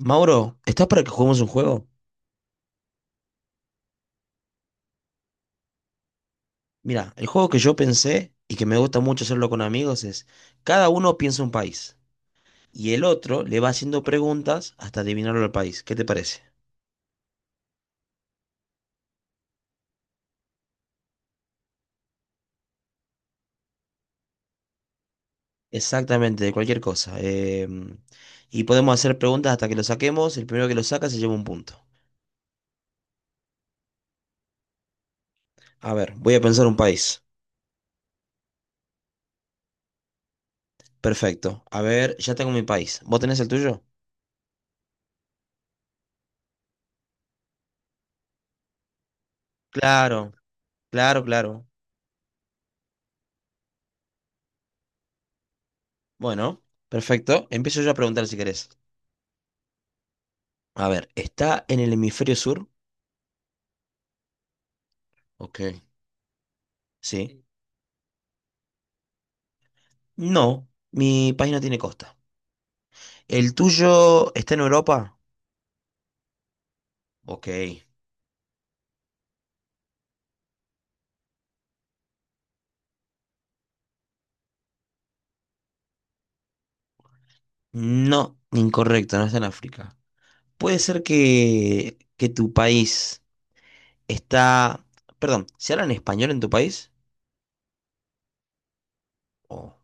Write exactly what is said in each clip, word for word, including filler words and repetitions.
Mauro, ¿estás para que juguemos un juego? Mira, el juego que yo pensé y que me gusta mucho hacerlo con amigos es cada uno piensa un país y el otro le va haciendo preguntas hasta adivinarlo al país. ¿Qué te parece? Exactamente, de cualquier cosa. Em, y podemos hacer preguntas hasta que lo saquemos. El primero que lo saca se lleva un punto. A ver, voy a pensar un país. Perfecto. A ver, ya tengo mi país. ¿Vos tenés el tuyo? Claro, claro, claro. Bueno, perfecto. Empiezo yo a preguntar si querés. A ver, ¿está en el hemisferio sur? Ok, sí. No, mi país no tiene costa. ¿El tuyo está en Europa? Ok. No, incorrecto, no está en África. Puede ser que, que tu país está... Perdón, ¿se habla en español en tu país? Oh,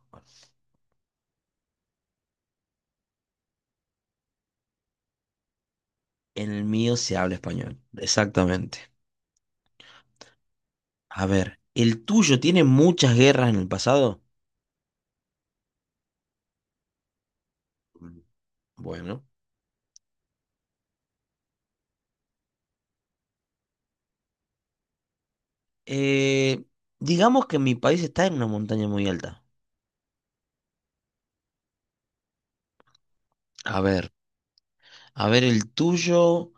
en el mío se habla español, exactamente. A ver, ¿el tuyo tiene muchas guerras en el pasado? Mm, bueno. Eh, digamos que mi país está en una montaña muy alta. A ver, a ver, el tuyo.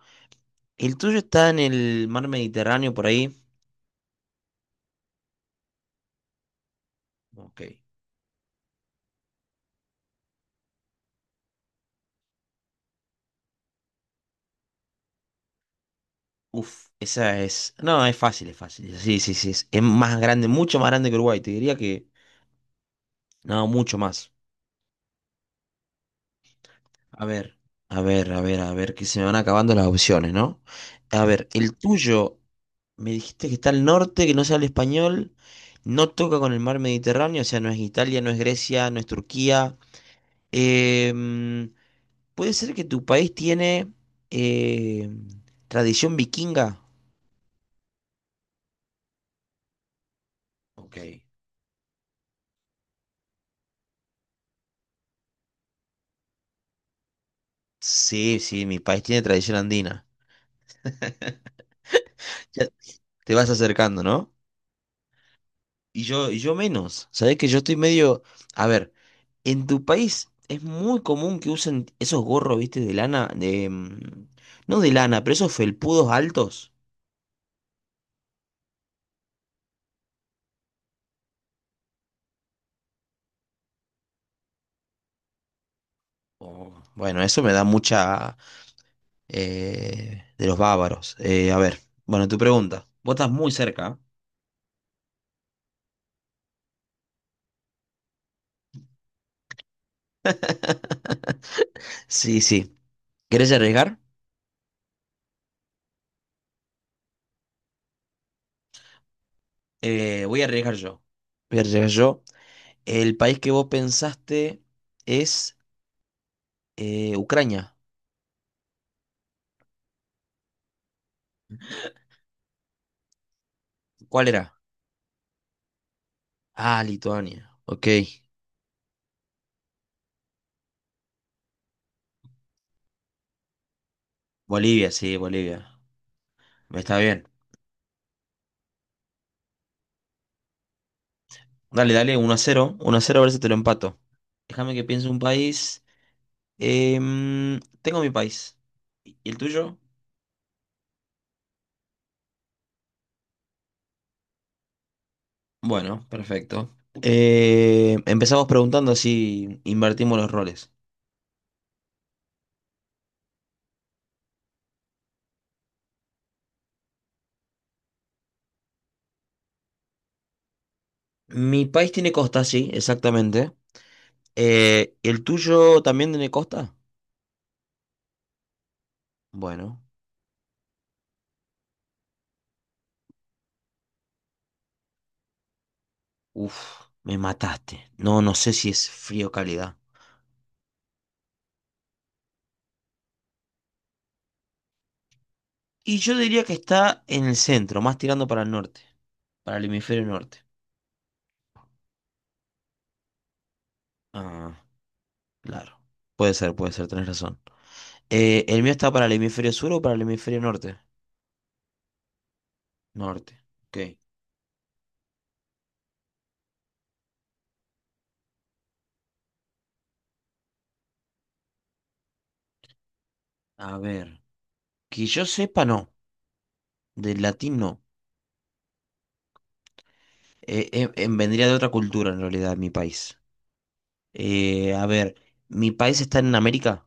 ¿El tuyo está en el mar Mediterráneo por ahí? Ok. Uf, esa es. No, es fácil, es fácil. Sí, sí, sí. Es, es más grande, mucho más grande que Uruguay. Te diría que. No, mucho más. A ver, a ver, a ver, a ver, que se me van acabando las opciones, ¿no? A ver, el tuyo. Me dijiste que está al norte, que no se habla español. No toca con el mar Mediterráneo, o sea, no es Italia, no es Grecia, no es Turquía. Em, ¿Puede ser que tu país tiene em, tradición vikinga? Ok. Sí, sí, mi país tiene tradición andina. Ya te vas acercando, ¿no? Y yo, y yo menos. Sabés que yo estoy medio. A ver, en tu país es muy común que usen esos gorros, viste, de lana, de. mm, no de lana, pero esos felpudos altos. Oh, bueno, eso me da mucha. Eh, de los bávaros. Eh, a ver, bueno, tu pregunta. Vos estás muy cerca. Sí, sí. ¿Querés arriesgar? Eh, voy a arriesgar yo. Voy a arriesgar yo. El país que vos pensaste es eh, Ucrania. ¿Cuál era? Ah, Lituania. Ok. Bolivia, sí, Bolivia. Me está bien. Dale, dale, uno a cero, uno a cero a ver si te lo empato. Déjame que piense un país. Em, tengo mi país. ¿Y el tuyo? Bueno, perfecto. Eh, empezamos preguntando si invertimos los roles. Mi país tiene costa, sí, exactamente. Eh, ¿el tuyo también tiene costa? Bueno. Uf, me mataste. No, no sé si es frío o calidad. Y yo diría que está en el centro, más tirando para el norte, para el hemisferio norte. Ah, claro. Puede ser, puede ser, tenés razón. Eh, ¿el mío está para el hemisferio sur o para el hemisferio norte? Norte. Ok. A ver. Que yo sepa, no. Del latín, no. Eh, eh, em- vendría de otra cultura, en realidad, mi país. Eh, a ver, ¿mi país está en América?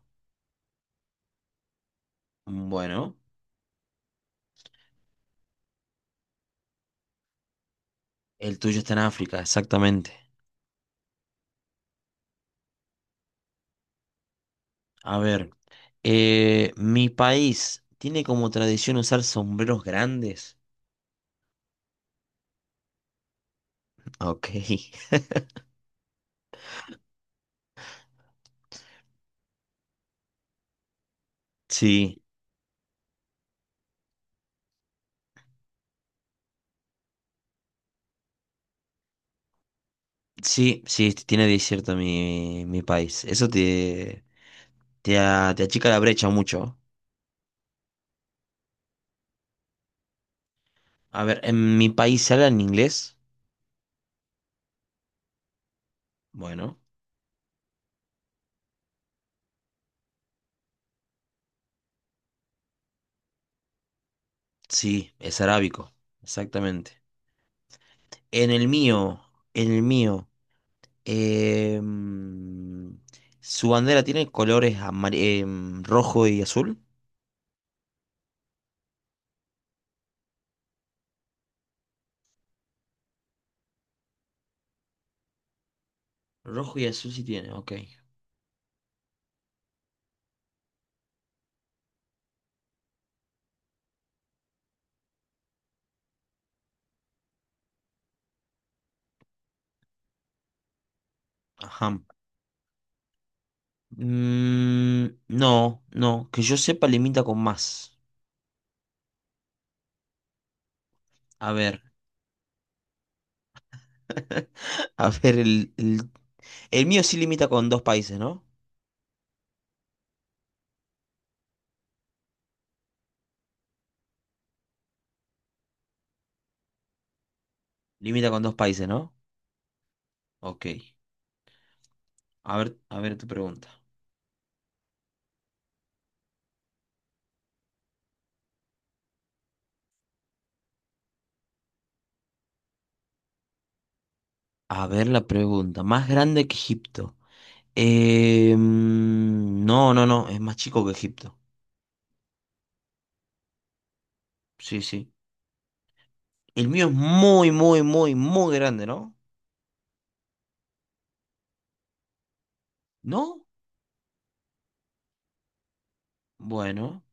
Bueno, el tuyo está en África, exactamente. A ver, eh, mi país tiene como tradición usar sombreros grandes. Ok. Sí, sí, sí, tiene desierto mi, mi país. Eso te, te, a- te achica la brecha mucho. A ver, ¿en mi país se habla en inglés? Bueno, sí, es arábico, exactamente. En el mío, en el mío, em, su bandera tiene colores amar- em, rojo y azul. Rojo y azul sí tiene, ok. Ajá. Mm, no, no, que yo sepa limita con más. A ver, a ver, el, el, el mío sí limita con dos países, ¿no? Limita con dos países, ¿no? Ok. A ver, a ver tu pregunta. A ver la pregunta. Más grande que Egipto. Eh, mm, no, no, no, es más chico que Egipto. Sí, sí. El mío es muy, muy, muy, muy grande, ¿no? ¿No? Bueno,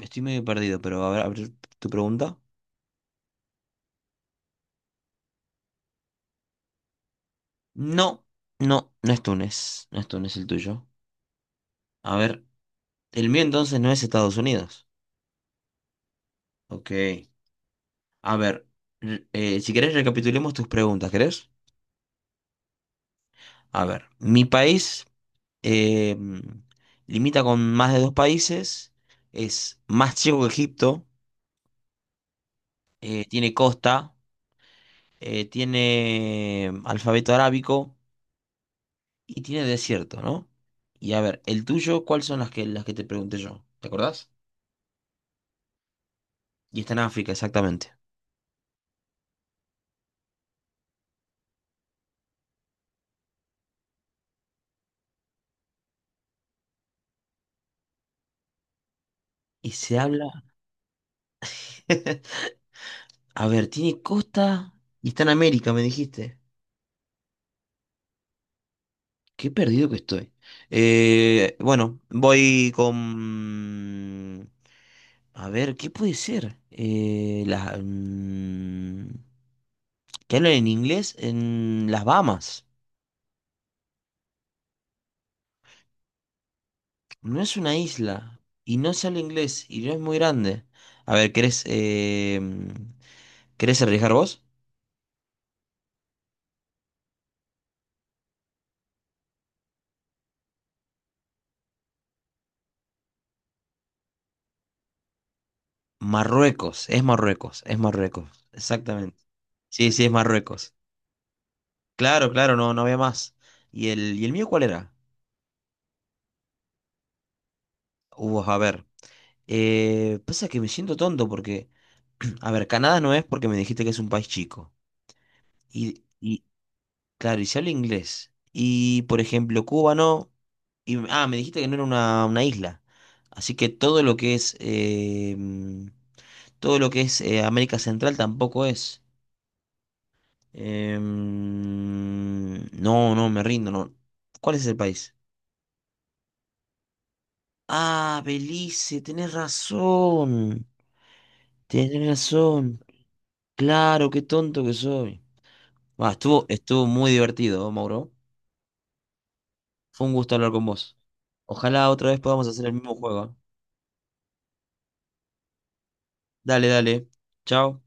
estoy medio perdido, pero a ver, a ver tu pregunta. No, no, no es Túnez. No es Túnez el tuyo. A ver, el mío entonces no es Estados Unidos. Ok. A ver, re- eh, si querés recapitulemos tus preguntas, ¿querés? A ver, mi país eh, limita con más de dos países, es más chico que Egipto, eh, tiene costa, eh, tiene alfabeto arábico y tiene desierto, ¿no? Y a ver, el tuyo, ¿cuáles son las que, las que te pregunté yo? ¿Te acordás? Y está en África, exactamente. Y se habla a ver, tiene costa y está en América, me dijiste. Qué perdido que estoy. Eh, bueno, voy con... A ver, ¿qué puede ser? Eh, la- mm, que hablan en inglés en las Bahamas. No es una isla y no se habla inglés y no es muy grande. A ver, ¿querés, eh, ¿querés arriesgar vos? Marruecos, es Marruecos, es Marruecos, exactamente. Sí, sí, es Marruecos. Claro, claro, no, no había más. ¿Y el, y el mío cuál era? Hubo, a ver. Eh, pasa que me siento tonto porque, a ver, Canadá no es porque me dijiste que es un país chico. Y, y claro, y se habla inglés. Y, por ejemplo, Cuba no. Y, ah, me dijiste que no era una, una isla. Así que todo lo que es, em, todo lo que es eh, América Central tampoco es. Em, no, no, me rindo, no. ¿Cuál es el país? Ah, Belice, tenés razón. Tenés razón. Claro, qué tonto que soy. Bah, estuvo, estuvo muy divertido, ¿eh, Mauro? Fue un gusto hablar con vos. Ojalá otra vez podamos hacer el mismo juego. ¿Eh? Dale, dale. Chao.